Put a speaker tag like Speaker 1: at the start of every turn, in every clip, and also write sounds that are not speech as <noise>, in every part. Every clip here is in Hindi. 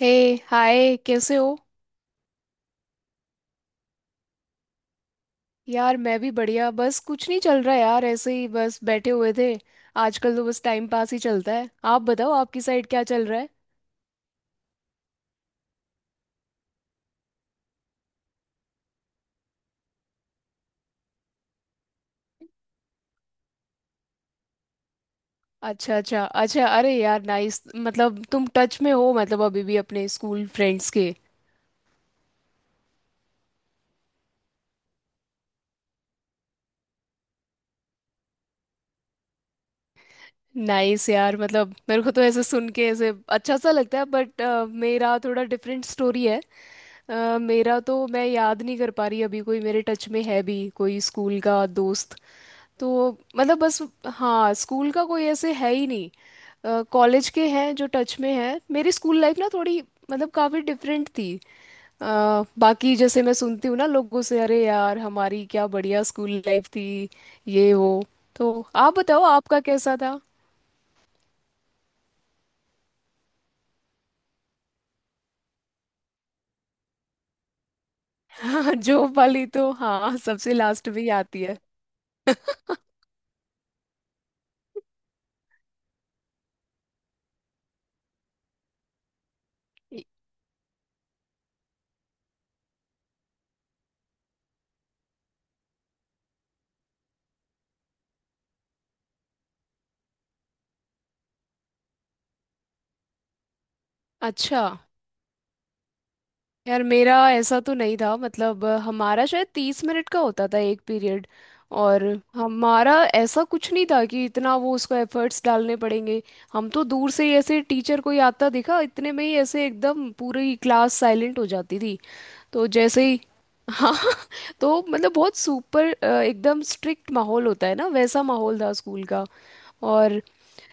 Speaker 1: हे। हाय, कैसे हो। यार मैं भी बढ़िया, बस कुछ नहीं चल रहा यार, ऐसे ही बस बैठे हुए थे। आजकल तो बस टाइम पास ही चलता है। आप बताओ, आपकी साइड क्या चल रहा है। अच्छा अच्छा अच्छा, अरे यार नाइस, मतलब तुम टच में हो मतलब अभी भी अपने स्कूल फ्रेंड्स के। नाइस यार, मतलब मेरे को तो ऐसे सुन के ऐसे अच्छा सा लगता है, बट मेरा थोड़ा डिफरेंट स्टोरी है। मेरा तो मैं याद नहीं कर पा रही अभी कोई मेरे टच में है भी कोई स्कूल का दोस्त। तो मतलब बस। हाँ स्कूल का कोई ऐसे है ही नहीं, कॉलेज के हैं जो टच में हैं। मेरी स्कूल लाइफ ना थोड़ी मतलब काफ़ी डिफरेंट थी। अ, बाकी जैसे मैं सुनती हूँ ना लोगों से, अरे यार हमारी क्या बढ़िया स्कूल लाइफ थी, ये वो। तो आप बताओ आपका कैसा था। <laughs> जॉब वाली तो हाँ सबसे लास्ट में ही आती है। <laughs> अच्छा। यार मेरा ऐसा तो नहीं था मतलब, हमारा शायद 30 मिनट का होता था एक पीरियड। और हमारा ऐसा कुछ नहीं था कि इतना वो उसको एफर्ट्स डालने पड़ेंगे। हम तो दूर से ही ऐसे टीचर कोई आता दिखा इतने में ही ऐसे एकदम पूरी क्लास साइलेंट हो जाती थी। तो जैसे ही हाँ। <laughs> तो मतलब बहुत सुपर एकदम स्ट्रिक्ट माहौल होता है ना, वैसा माहौल था स्कूल का। और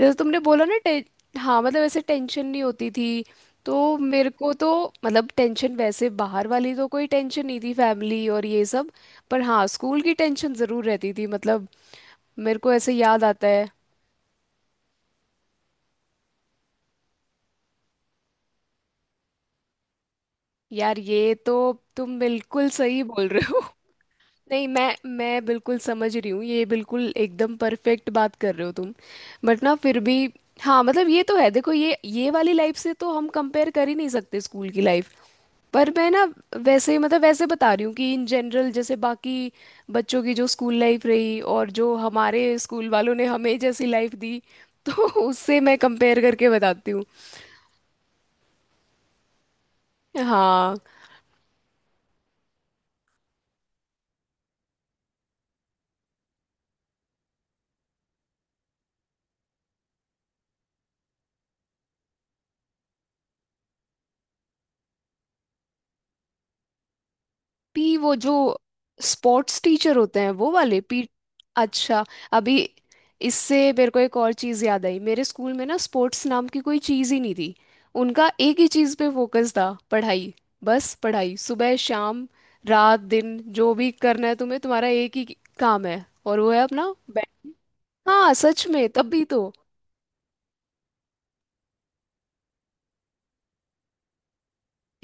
Speaker 1: जैसे तुमने बोला ना हाँ मतलब ऐसे टेंशन नहीं होती थी। तो मेरे को तो मतलब टेंशन, वैसे बाहर वाली तो कोई टेंशन नहीं थी, फैमिली और ये सब। पर हाँ स्कूल की टेंशन ज़रूर रहती थी, मतलब मेरे को ऐसे याद आता है। यार ये तो, तुम बिल्कुल सही बोल रहे हो। नहीं, मैं बिल्कुल समझ रही हूँ, ये बिल्कुल एकदम परफेक्ट बात कर रहे हो तुम। बट ना फिर भी हाँ मतलब ये तो है, देखो ये वाली लाइफ से तो हम कंपेयर कर ही नहीं सकते स्कूल की लाइफ। पर मैं ना वैसे मतलब, वैसे बता रही हूँ कि इन जनरल जैसे बाकी बच्चों की जो स्कूल लाइफ रही और जो हमारे स्कूल वालों ने हमें जैसी लाइफ दी, तो <laughs> उससे मैं कंपेयर करके बताती हूँ। हाँ पी वो जो स्पोर्ट्स टीचर होते हैं वो वाले पी। अच्छा। अभी इससे मेरे को एक और चीज़ याद आई, मेरे स्कूल में ना स्पोर्ट्स नाम की कोई चीज़ ही नहीं थी। उनका एक ही चीज़ पे फोकस था, पढ़ाई। बस पढ़ाई, सुबह शाम रात दिन, जो भी करना है तुम्हें, तुम्हारा एक ही काम है, और वो है अपना बैठ। हाँ सच में, तब भी तो।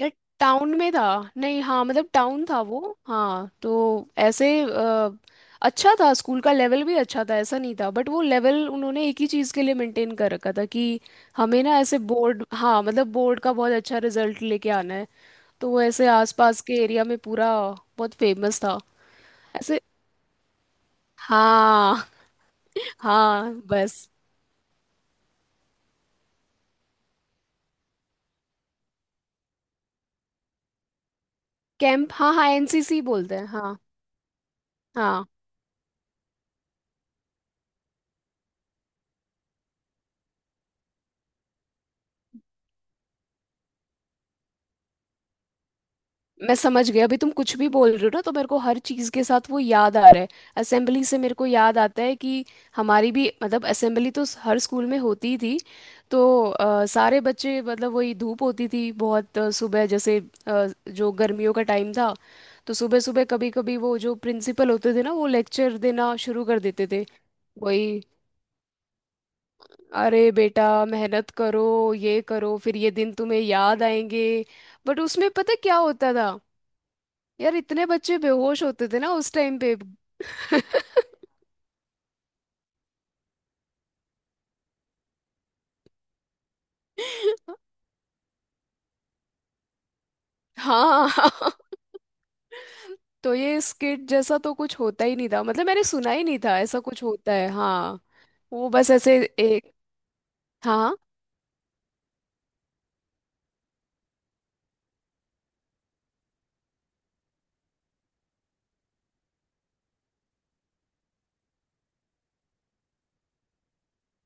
Speaker 1: यार टाउन में था। नहीं हाँ मतलब टाउन था वो। हाँ तो ऐसे अच्छा था, स्कूल का लेवल भी अच्छा था, ऐसा नहीं था। बट वो लेवल उन्होंने एक ही चीज़ के लिए मेंटेन कर रखा था कि हमें ना ऐसे बोर्ड, हाँ मतलब बोर्ड का बहुत अच्छा रिजल्ट लेके आना है। तो वो ऐसे आसपास के एरिया में पूरा बहुत फेमस था। ऐसे हाँ। <laughs> हाँ बस। कैंप, हाँ हाँ एनसीसी बोलते हैं, हाँ। हाँ मैं समझ गई, अभी तुम कुछ भी बोल रहे हो ना तो मेरे को हर चीज़ के साथ वो याद आ रहा है। असेंबली से मेरे को याद आता है कि हमारी भी मतलब असेंबली तो हर स्कूल में होती ही थी। तो सारे बच्चे मतलब वही धूप होती थी बहुत, सुबह जैसे जो गर्मियों का टाइम था, तो सुबह सुबह कभी कभी वो जो प्रिंसिपल होते थे ना, वो लेक्चर देना शुरू कर देते थे। वही, अरे बेटा मेहनत करो, ये करो, फिर ये दिन तुम्हें याद आएंगे। बट उसमें पता क्या होता था, यार इतने बच्चे बेहोश होते थे ना उस टाइम पे। <laughs> हाँ हाँ। तो ये स्किट जैसा तो कुछ होता ही नहीं था, मतलब मैंने सुना ही नहीं था ऐसा कुछ होता है। हाँ, वो बस ऐसे एक, हाँ।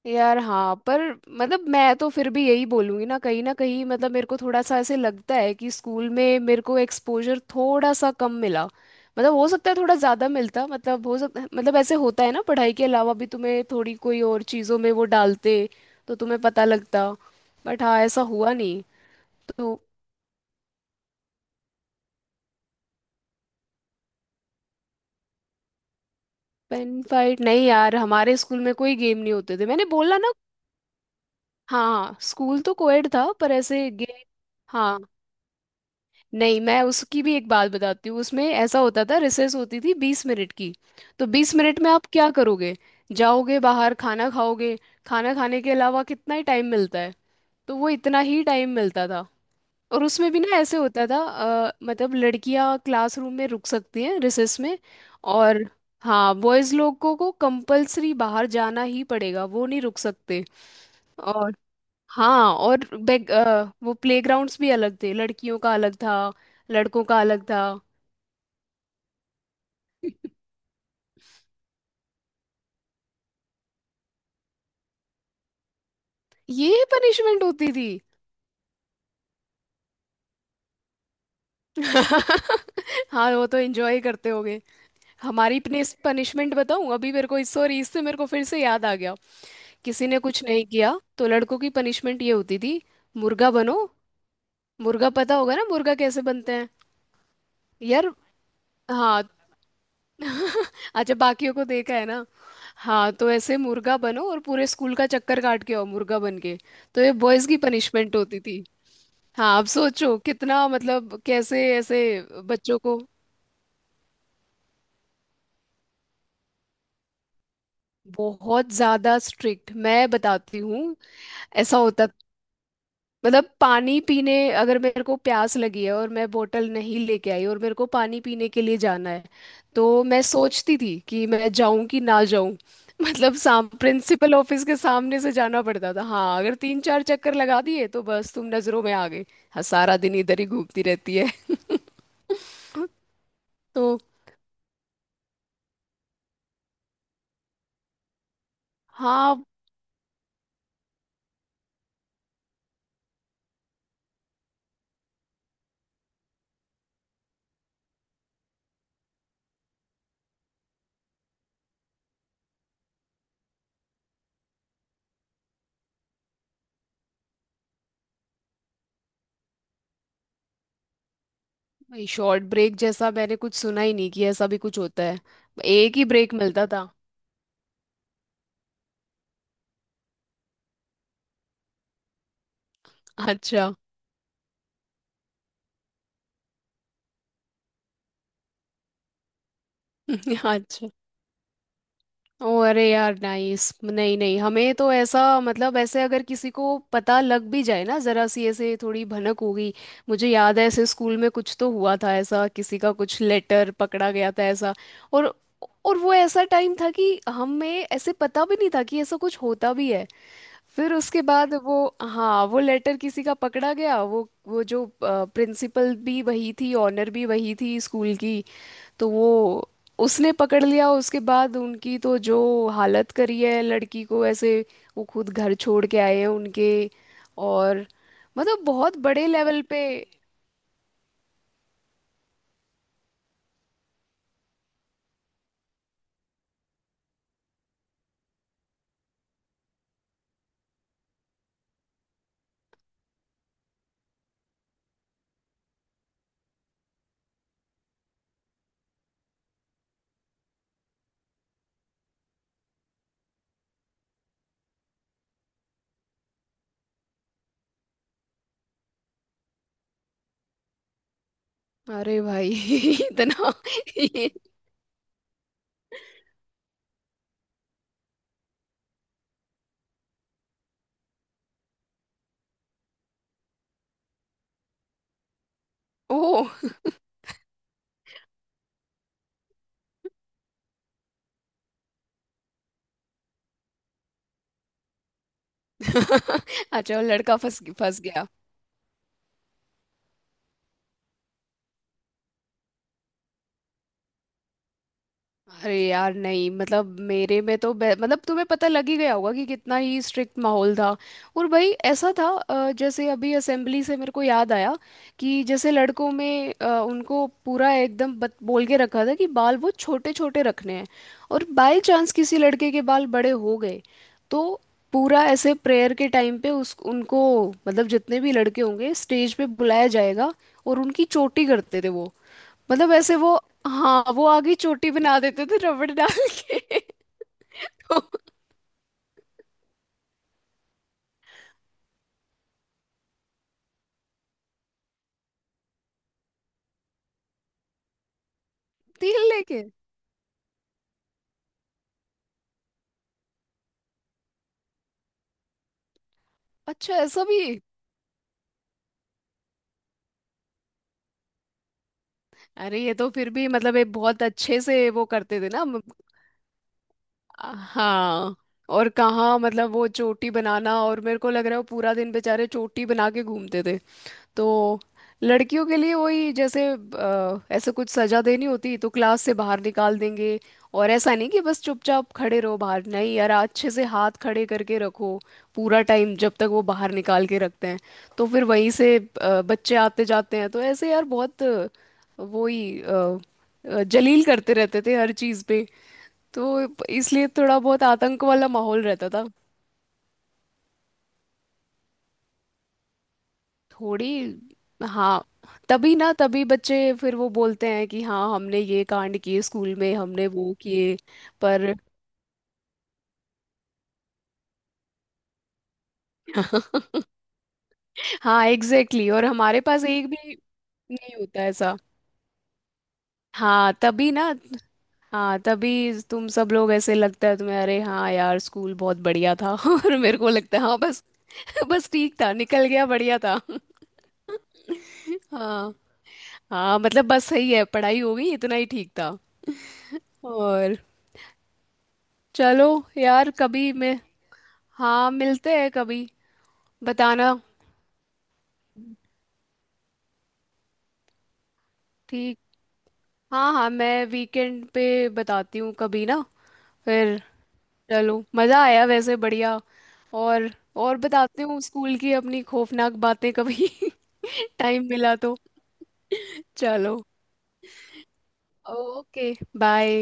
Speaker 1: यार हाँ, पर मतलब मैं तो फिर भी यही बोलूँगी ना, कहीं ना कहीं मतलब मेरे को थोड़ा सा ऐसे लगता है कि स्कूल में मेरे को एक्सपोजर थोड़ा सा कम मिला, मतलब हो सकता है थोड़ा ज़्यादा मिलता, मतलब हो सकता, मतलब ऐसे होता है ना पढ़ाई के अलावा भी तुम्हें थोड़ी कोई और चीज़ों में वो डालते, तो तुम्हें पता लगता। बट हाँ ऐसा हुआ नहीं। तो पेन फाइट नहीं यार, हमारे स्कूल में कोई गेम नहीं होते थे, मैंने बोला ना। हाँ स्कूल तो कोएड था, पर ऐसे गेम नहीं। मैं उसकी भी एक बात बताती हूँ, उसमें ऐसा होता था, रिसेस होती थी 20 मिनट की। तो 20 मिनट में आप क्या करोगे, जाओगे बाहर खाना खाओगे, खाना खाने के अलावा कितना ही टाइम मिलता है, तो वो इतना ही टाइम मिलता था। और उसमें भी ना ऐसे होता था, मतलब लड़कियां क्लासरूम में रुक सकती हैं रिसेस में, और हाँ बॉयज लोगों को कंपलसरी बाहर जाना ही पड़ेगा, वो नहीं रुक सकते। हाँ, और बैक वो प्लेग्राउंड्स भी अलग थे, लड़कियों का अलग था, लड़कों का अलग था। ये पनिशमेंट होती थी। <laughs> हाँ वो तो एंजॉय करते होगे। हमारी पनिशमेंट बताऊं, अभी मेरे को सॉरी इससे मेरे को फिर से याद आ गया। किसी ने कुछ नहीं किया तो लड़कों की पनिशमेंट ये होती थी, मुर्गा बनो। मुर्गा पता होगा ना, मुर्गा कैसे बनते हैं। यार, हाँ। <laughs> अच्छा, बाकियों को देखा है ना। हाँ तो ऐसे मुर्गा बनो और पूरे स्कूल का चक्कर काट के आओ मुर्गा बन के। तो ये बॉयज की पनिशमेंट होती थी। हाँ आप सोचो कितना, मतलब कैसे ऐसे बच्चों को, बहुत ज्यादा स्ट्रिक्ट मैं बताती हूँ, ऐसा होता। मतलब पानी पीने, अगर मेरे को प्यास लगी है और मैं बोतल नहीं लेके आई और मेरे को पानी पीने के लिए जाना है, तो मैं सोचती थी कि मैं जाऊं कि ना जाऊं। <laughs> मतलब साम प्रिंसिपल ऑफिस के सामने से जाना पड़ता था, हाँ अगर 3-4 चक्कर लगा दिए तो बस तुम नजरों में आ गए। हाँ, सारा दिन इधर ही घूमती रहती है। <laughs> तो हाँ। भाई, शॉर्ट ब्रेक जैसा मैंने कुछ सुना ही नहीं कि ऐसा भी कुछ होता है, एक ही ब्रेक मिलता था। अच्छा। <laughs> अच्छा, ओ अरे यार नाइस। नहीं नहीं, हमें तो ऐसा, मतलब ऐसे अगर किसी को पता लग भी जाए ना, जरा सी ऐसे थोड़ी भनक होगी। मुझे याद है, ऐसे स्कूल में कुछ तो हुआ था ऐसा, किसी का कुछ लेटर पकड़ा गया था ऐसा। और और वो ऐसा टाइम था कि हमें ऐसे पता भी नहीं था कि ऐसा कुछ होता भी है। फिर उसके बाद वो, हाँ वो लेटर किसी का पकड़ा गया, वो जो प्रिंसिपल भी वही थी ऑनर भी वही थी स्कूल की। तो वो, उसने पकड़ लिया, उसके बाद उनकी तो जो हालत करी है लड़की को ऐसे, वो खुद घर छोड़ के आए हैं उनके। और मतलब बहुत बड़े लेवल पे। अरे भाई <laughs> इतना, ये, ओ। <laughs> अच्छा वो लड़का फंस फंस गया। अरे यार नहीं, मतलब मेरे में तो मतलब तुम्हें पता लग ही गया होगा कि कितना ही स्ट्रिक्ट माहौल था। और भाई ऐसा था, जैसे अभी असेंबली से मेरे को याद आया कि जैसे लड़कों में, उनको पूरा एकदम बोल के रखा था कि बाल वो छोटे छोटे रखने हैं। और बाय चांस किसी लड़के के बाल बड़े हो गए, तो पूरा ऐसे प्रेयर के टाइम पे उस उनको मतलब जितने भी लड़के होंगे स्टेज पे बुलाया जाएगा, और उनकी चोटी करते थे वो। मतलब ऐसे वो, हाँ वो आगे चोटी बना देते थे रबड़ डाल के। <laughs> तो तीर लेके, अच्छा ऐसा भी। अरे ये तो फिर भी मतलब एक बहुत अच्छे से वो करते थे ना हाँ। और कहाँ मतलब, वो चोटी बनाना, और मेरे को लग रहा है वो पूरा दिन बेचारे चोटी बना के घूमते थे। तो लड़कियों के लिए वही, जैसे ऐसे कुछ सजा देनी होती तो क्लास से बाहर निकाल देंगे। और ऐसा नहीं कि बस चुपचाप खड़े रहो बाहर, नहीं यार, अच्छे से हाथ खड़े करके रखो पूरा टाइम जब तक वो बाहर निकाल के रखते हैं। तो फिर वहीं से बच्चे आते जाते हैं, तो ऐसे यार बहुत, वो ही जलील करते रहते थे हर चीज़ पे। तो इसलिए थोड़ा बहुत आतंक वाला माहौल रहता था। थोड़ी, हाँ तभी ना, तभी बच्चे फिर वो बोलते हैं कि हाँ हमने ये कांड किए स्कूल में हमने वो किए। पर <laughs> हाँ एग्जैक्टली exactly, और हमारे पास एक भी नहीं होता ऐसा। हाँ तभी ना, हाँ तभी तुम सब लोग, ऐसे लगता है तुम्हें अरे हाँ यार स्कूल बहुत बढ़िया था। <laughs> और मेरे को लगता है हाँ बस। <laughs> बस ठीक था, निकल गया, बढ़िया था। <laughs> हाँ हाँ मतलब बस सही है, पढ़ाई हो गई, इतना ही ठीक था। और चलो यार, कभी मैं, हाँ मिलते हैं कभी बताना। ठीक। हाँ हाँ मैं वीकेंड पे बताती हूँ कभी ना। फिर चलो, मज़ा आया वैसे, बढ़िया। और और बताती हूँ स्कूल की अपनी खौफनाक बातें कभी। <laughs> टाइम मिला तो चलो। Okay, bye.